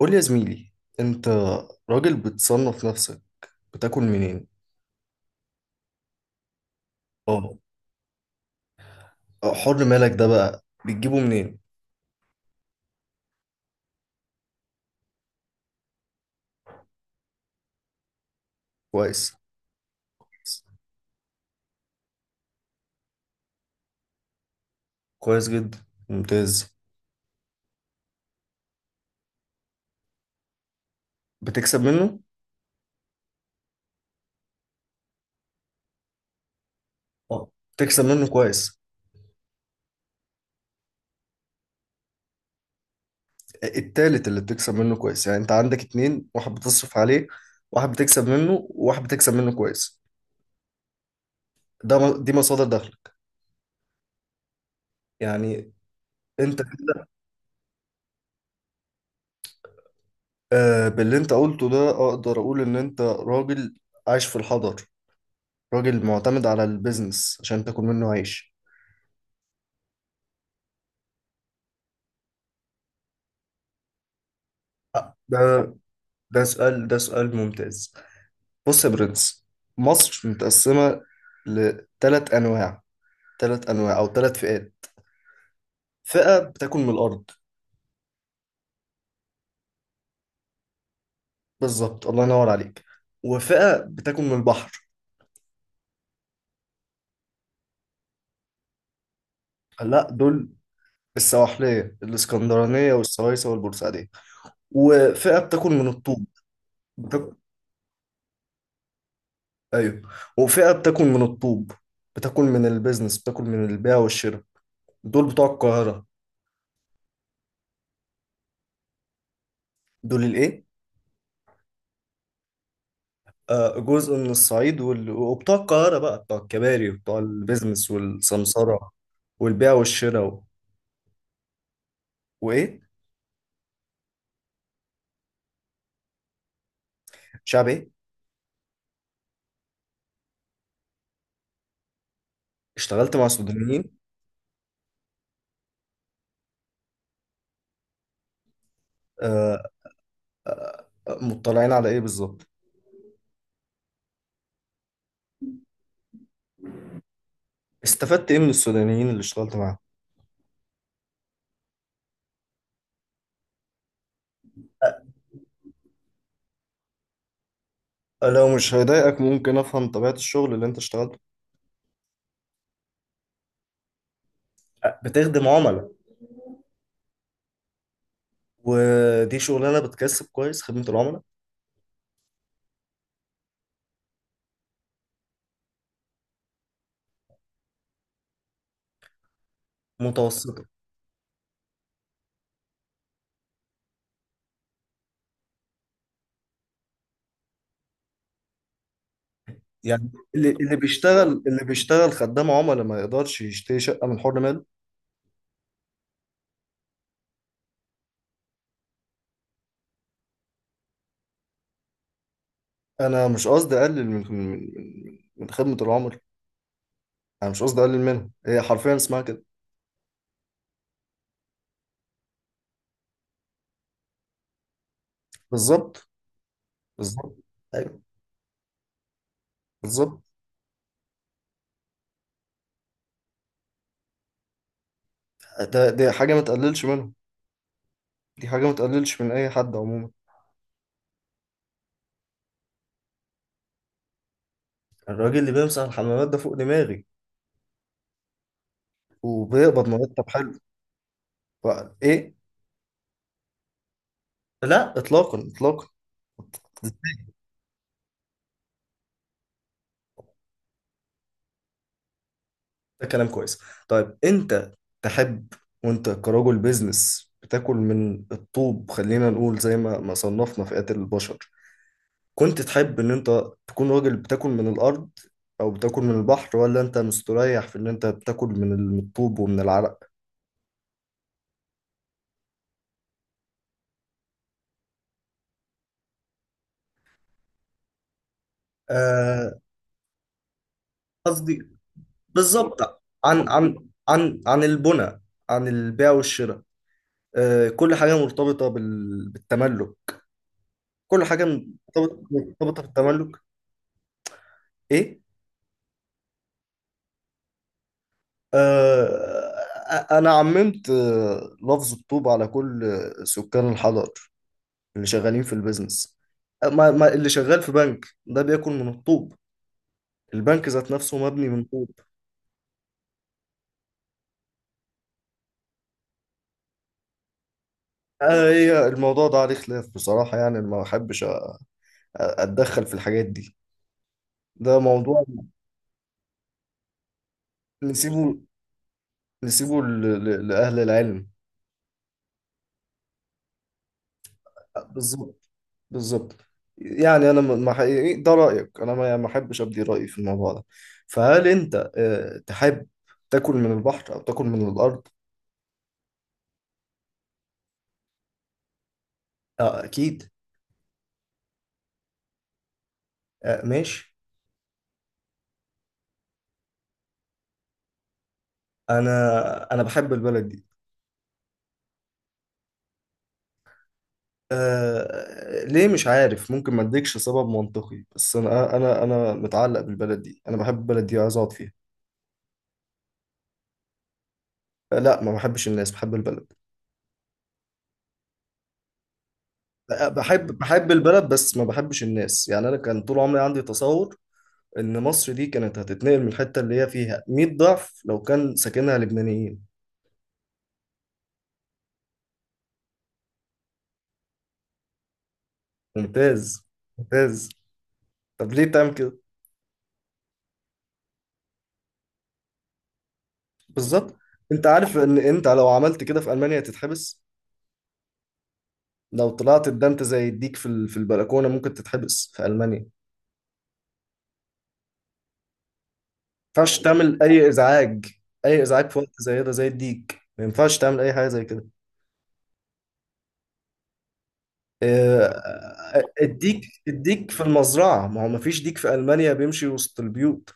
قول لي يا زميلي، انت راجل بتصنف نفسك، بتاكل منين؟ اه، حر مالك ده بقى بتجيبه منين؟ كويس. كويس جدا، ممتاز. بتكسب منه؟ اه، بتكسب منه كويس. التالت اللي بتكسب منه كويس، يعني انت عندك اتنين، واحد بتصرف عليه، واحد بتكسب منه، وواحد بتكسب منه كويس. دي مصادر دخلك. يعني انت كده. آه، باللي انت قلته ده اقدر اقول ان انت راجل عايش في الحضر، راجل معتمد على البيزنس عشان تاكل منه عيش. آه، ده ده سؤال ممتاز. بص يا برنس، مصر متقسمة لثلاث أنواع ثلاث أنواع أو ثلاث فئات. فئة بتاكل من الأرض. بالظبط، الله ينور عليك. وفئة بتاكل من البحر. لا، دول السواحلية الإسكندرانية والسويسة والبورسعيدية. وفئة بتاكل من الطوب. بتاكل... أيوه. وفئة بتاكل من الطوب، بتاكل من البيزنس، بتاكل من البيع والشراء. دول بتوع القاهرة. دول الايه؟ آه، جزء من الصعيد وبتوع القاهرة بقى بتوع الكباري وبتوع البيزنس والسمسرة والبيع والشراء وايه؟ شعب ايه؟ اشتغلت مع سودانيين؟ آه، آه، آه، مطلعين على ايه بالظبط؟ استفدت ايه من السودانيين اللي اشتغلت معاهم؟ آه، لو مش هيضايقك، ممكن افهم طبيعة الشغل اللي انت اشتغلته؟ آه، بتخدم عملاء. ودي شغلانة بتكسب كويس، خدمة العملاء؟ متوسطة؟ يعني اللي بيشتغل خدام عملاء ما يقدرش يشتري شقة من حر ماله؟ انا مش قصدي اقلل من خدمه العملاء، انا مش قصدي اقلل منهم، هي حرفيا اسمها كده. بالظبط. بالظبط. ايوه. بالظبط. دي حاجه ما تقللش منهم، دي حاجه ما تقللش من اي حد عموما. الراجل اللي بيمسح الحمامات ده فوق دماغي، وبيقبض مرتب حلو. بقى ايه؟ لا، اطلاقا اطلاقا. ده كلام كويس. طيب، انت تحب، وانت كرجل بيزنس بتاكل من الطوب، خلينا نقول زي ما صنفنا فئات البشر، كنت تحب ان انت تكون راجل بتاكل من الارض او بتاكل من البحر، ولا انت مستريح في ان انت بتاكل من الطوب ومن العرق؟ آه، قصدي بالظبط عن البنى، عن البيع والشراء. آه، كل حاجة مرتبطة بالتملك، كل حاجة مرتبطة بالتملك. ايه؟ آه، انا عممت لفظ الطوب على كل سكان الحضر اللي شغالين في البيزنس. ما اللي شغال في بنك ده بياكل من الطوب. البنك ذات نفسه مبني من طوب. آه، هي الموضوع ده عليه خلاف بصراحة، يعني ما بحبش أتدخل في الحاجات دي. ده موضوع. نسيبه نسيبه لأهل العلم. أه، بالظبط. بالظبط. يعني أنا ما حقيقي ده رأيك، أنا ما يعني ما أحبش أبدي رأيي في الموضوع ده. فهل أنت تحب تاكل من البحر أو تاكل من الأرض؟ آه، أكيد. آه، ماشي. أنا بحب البلد دي. آه، ليه مش عارف، ممكن ما اديكش سبب منطقي، بس انا متعلق بالبلد دي، انا بحب البلد دي، عايز اقعد فيها. آه، لا، ما بحبش الناس، بحب البلد. آه، بحب البلد، بس ما بحبش الناس، يعني انا كان طول عمري عندي تصور ان مصر دي كانت هتتنقل من الحته اللي هي فيها 100 ضعف لو كان ساكنها لبنانيين. ممتاز، ممتاز. طب ليه بتعمل كده؟ بالظبط. انت عارف ان انت لو عملت كده في المانيا تتحبس؟ لو طلعت اتدنت زي الديك في البلكونه، ممكن تتحبس في المانيا. ينفعش تعمل اي ازعاج، اي ازعاج في وقت زي ده، زي الديك ما ينفعش تعمل اي حاجه زي كده. آه، آه، الديك في المزرعه، ما هو ما فيش ديك في المانيا بيمشي وسط البيوت.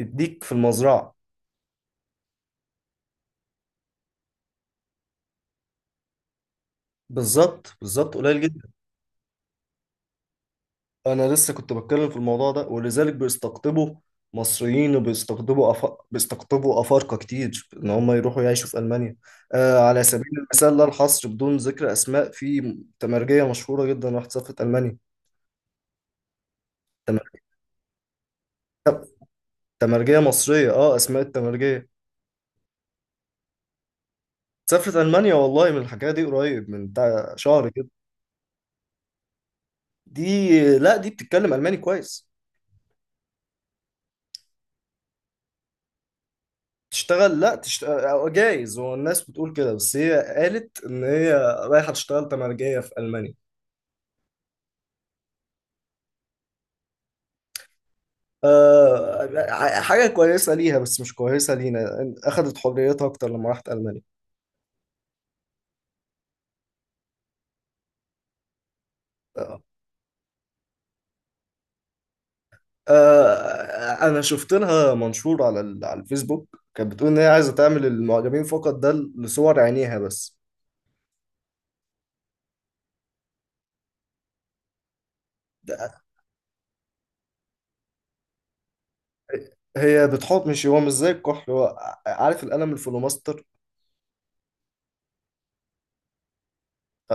الديك في المزرعه. بالظبط، بالظبط، قليل جدا. انا لسه كنت بتكلم في الموضوع ده، ولذلك بيستقطبوا مصريين، بيستقطبوا افارقه كتير ان هم يروحوا يعيشوا في المانيا. آه، على سبيل المثال لا الحصر، بدون ذكر اسماء، في تمرجيه مشهوره جدا راحت سافرت المانيا. تمام، تمرجية مصرية، اه، اسماء التمرجية، سافرت ألمانيا، والله من الحكاية دي قريب من بتاع شهر كده. دي، لا، دي بتتكلم ألماني كويس. تشتغل، لا تشتغل جايز، هو الناس بتقول كده، بس هي قالت إن هي رايحة تشتغل تمرجية في ألمانيا. آه، حاجة كويسة ليها بس مش كويسة لينا، أخدت حريتها أكتر لما راحت ألمانيا. آه، آه، أنا شفت لها منشور على الفيسبوك، كانت بتقول إن هي عايزة تعمل المعجبين فقط ده لصور عينيها بس. هي بتحط، مش هو مش زي الكحل، هو عارف القلم الفلوماستر.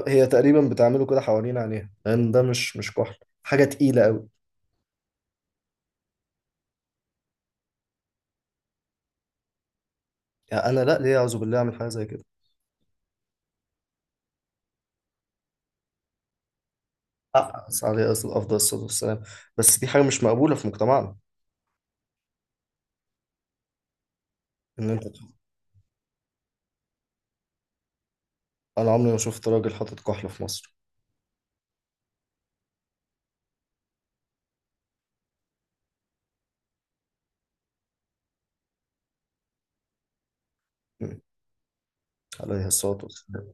هي تقريبا بتعمله كده حوالين عينيها، لان ده مش كحل، حاجه تقيله قوي. يعني انا لا، ليه اعوذ بالله اعمل حاجه زي كده؟ أقعد عليه اصل افضل الصلاه والسلام، بس دي حاجه مش مقبوله في مجتمعنا ان انت. انا عمري ما شفت راجل حاطط كحل في مصر. م. عليه الصلاه والسلام.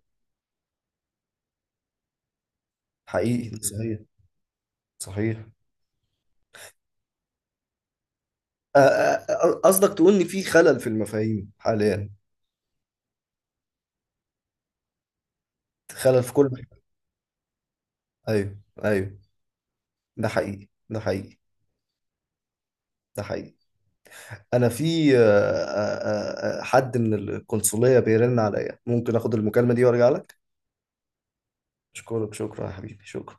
حقيقي ده صحيح، صحيح. قصدك تقول ان في خلل في المفاهيم حاليا؟ خلل في كل حاجه. ايوه، ايوه، ده حقيقي، ده حقيقي، ده حقيقي. انا في حد من القنصليه بيرن عليا، ممكن اخد المكالمه دي وارجع لك؟ اشكرك، شكرا يا حبيبي، شكرا.